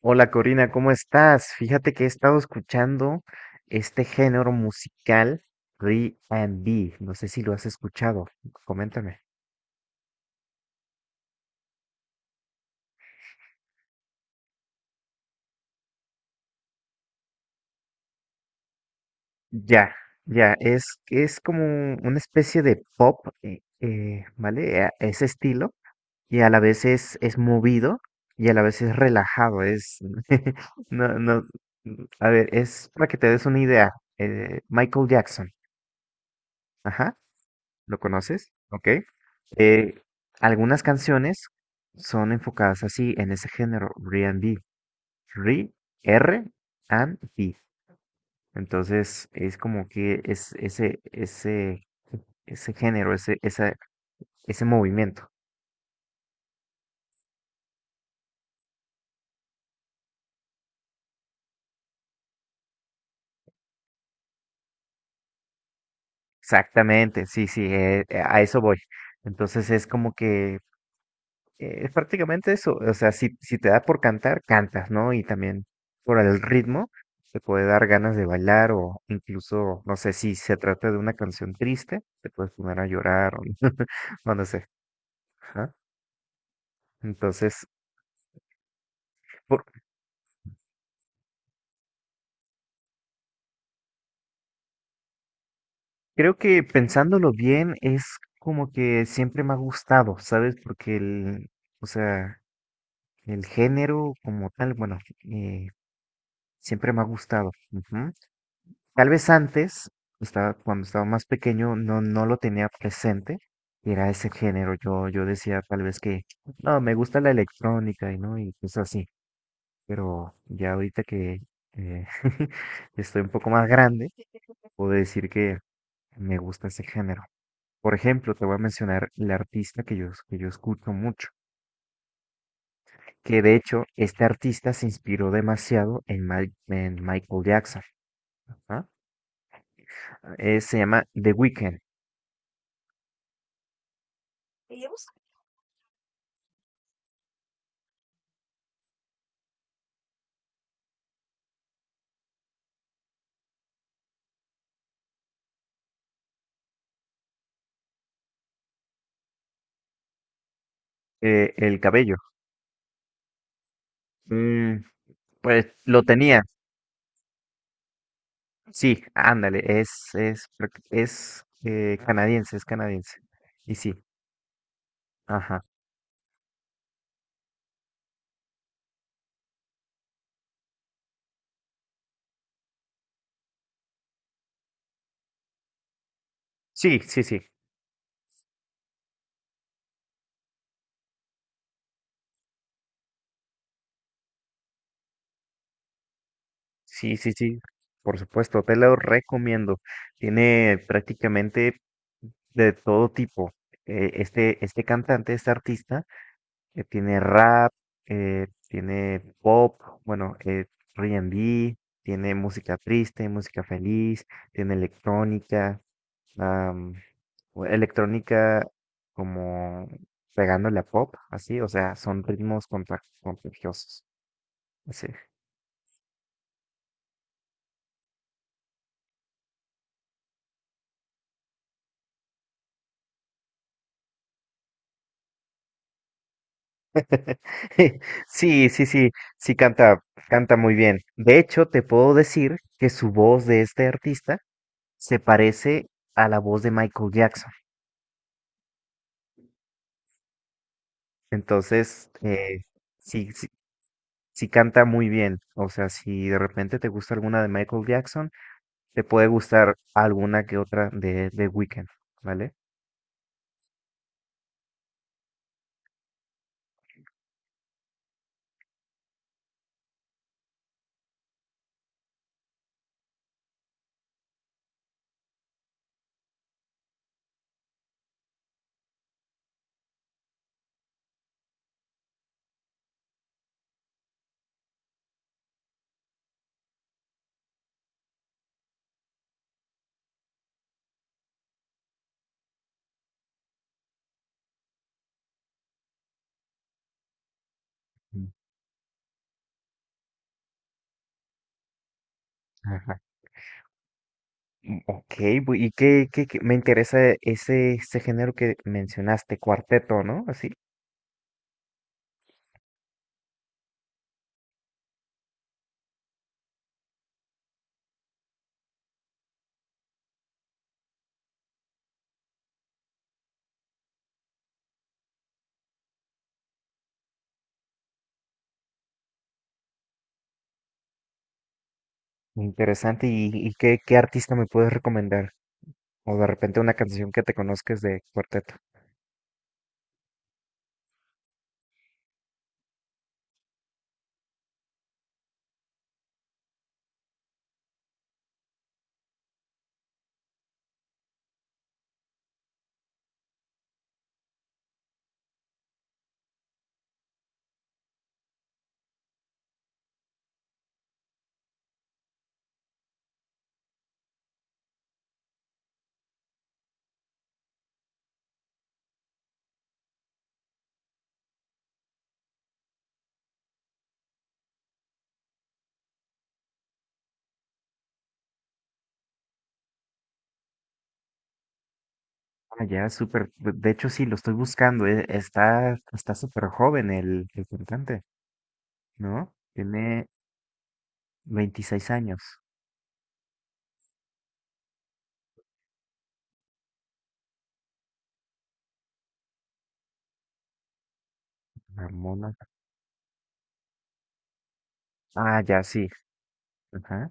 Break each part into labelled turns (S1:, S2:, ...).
S1: Hola Corina, ¿cómo estás? Fíjate que he estado escuchando este género musical R&B. No sé si lo has escuchado. Coméntame. Ya, ya, es, como una especie de pop, ¿vale? Ese estilo. Y a la vez es movido y a la vez es relajado. No, no, a ver, es para que te des una idea. Michael Jackson. Ajá. ¿Lo conoces? Ok. Eh, Algunas canciones son enfocadas así en ese género, R, R and B. Entonces es como que es ese género, ese movimiento. Exactamente, sí, sí, a eso voy. Entonces es como que es prácticamente eso. O sea, si te da por cantar, cantas, ¿no? Y también por el ritmo te puede dar ganas de bailar o incluso, no sé, si se trata de una canción triste, te puedes poner a llorar o no, no sé. Ajá. Entonces, por- creo que pensándolo bien es como que siempre me ha gustado, ¿sabes? Porque el, o sea, el género como tal, bueno, eh, siempre me ha gustado. Ujú. Tal vez antes, cuando estaba más pequeño, no, no lo tenía presente. Y era ese género. Yo decía tal vez que no, me gusta la electrónica y no, y cosas así. Pero ya ahorita que eh, estoy un poco más grande, puedo decir que me gusta ese género. Por ejemplo, te voy a mencionar la artista que yo escucho mucho, que de hecho este artista se inspiró demasiado en Michael Jackson. ¿Ah? Se llama The Weeknd, el cabello. Mm, pues lo tenía. Sí, ándale, es, creo que es canadiense, es canadiense. Y sí, ajá. Sí, sí, sí. Sí, sí, sí. Por supuesto, te lo recomiendo. Tiene prácticamente de todo tipo. Este cantante, este artista, tiene rap, tiene pop, bueno, R&B, tiene música triste, música feliz, tiene electrónica. O electrónica como pegándole a pop, así, o sea, son ritmos contagiosos. Sí. Sí, sí, sí, sí canta muy bien. De hecho, te puedo decir que su voz de este artista se parece a la voz de Michael Jackson. Entonces, sí, sí, sí canta muy bien. O sea, si de repente te gusta alguna de Michael Jackson, te puede gustar alguna que otra de Weekend, ¿vale? Mm. Ajá. Mm, Ok, y me interesa ese, ese este género que mencionaste, cuarteto, ¿no? Así, interesante. ¿Y qué artista me puedes recomendar? O de repente una canción que te conozcas de cuarteto. Ah, ya, súper. De hecho, sí, lo estoy buscando. Está súper joven el cantante, ¿no? Tiene 26 años. La Mona. Ah, ya, sí. Ajá.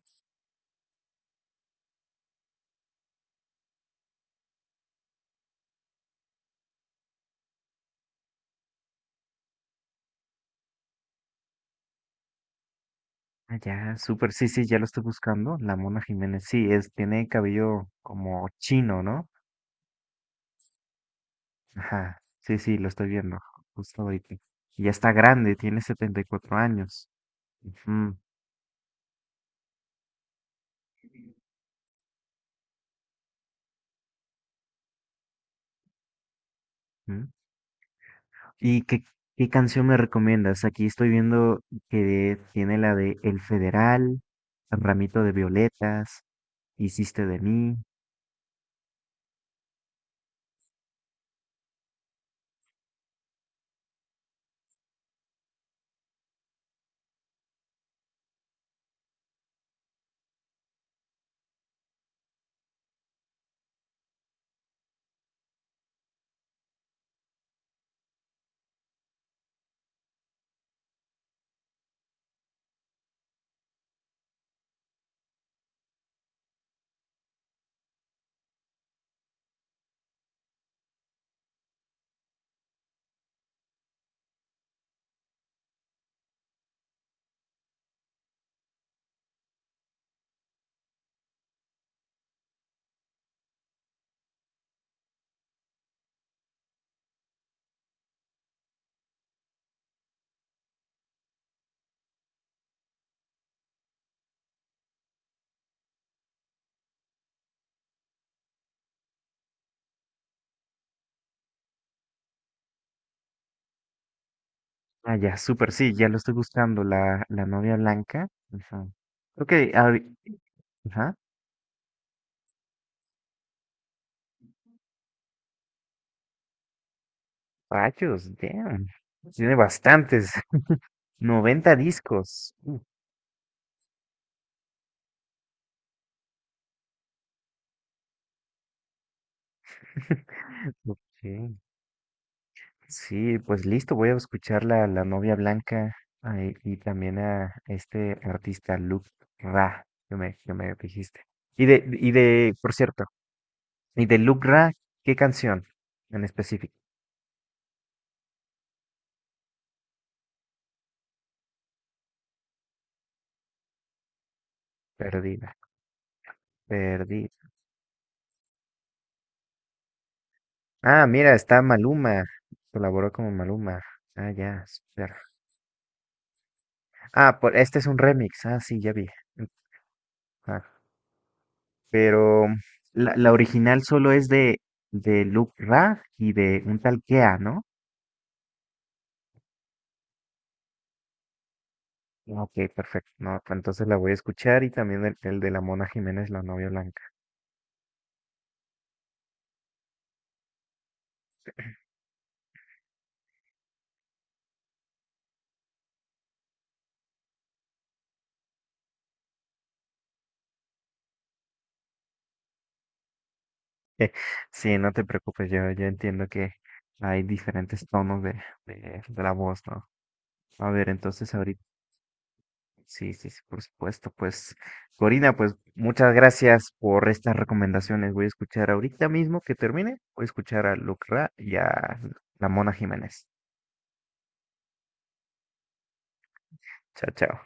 S1: Ah, ya, súper. Sí, sí, ya lo estoy buscando. La Mona Jiménez. Sí, tiene cabello como chino, ¿no? Ajá, sí, sí, lo estoy viendo justo ahorita. Y ya está grande, tiene 74 años. Ujú, ujú. ¿Y qué canción me recomiendas? Aquí estoy viendo que tiene la de El Federal, Ramito de Violetas, Hiciste de mí. Ah, ya, súper, sí, ya lo estoy buscando, la novia blanca. Ujú. Ok, ajá. Rayos, damn. Tiene bastantes, 90 discos. Ok. Sí, pues listo, voy a escuchar la novia blanca ay, y también a este artista Luke Ra, que me dijiste. Por cierto, y de Luke Ra, ¿qué canción en específico? Perdida, perdida. Ah, mira, está Maluma, colaboró con Maluma. Ah, ya, super. Ah, este es un remix, ah, sí, ya vi. Ah, pero la original solo es de Luke Ra y de un tal Kea, ¿no? Ah, Ok, perfecto. No, pues entonces la voy a escuchar y también el de la Mona Jiménez, la novia blanca. Sí, no te preocupes, yo entiendo que hay diferentes tonos de la voz, ¿no? A ver, entonces ahorita, sí, sí, sí, por supuesto, pues, Corina, pues muchas gracias por estas recomendaciones. Voy a escuchar ahorita mismo que termine, voy a escuchar a Lucra y a la Mona Jiménez. Chao, chao.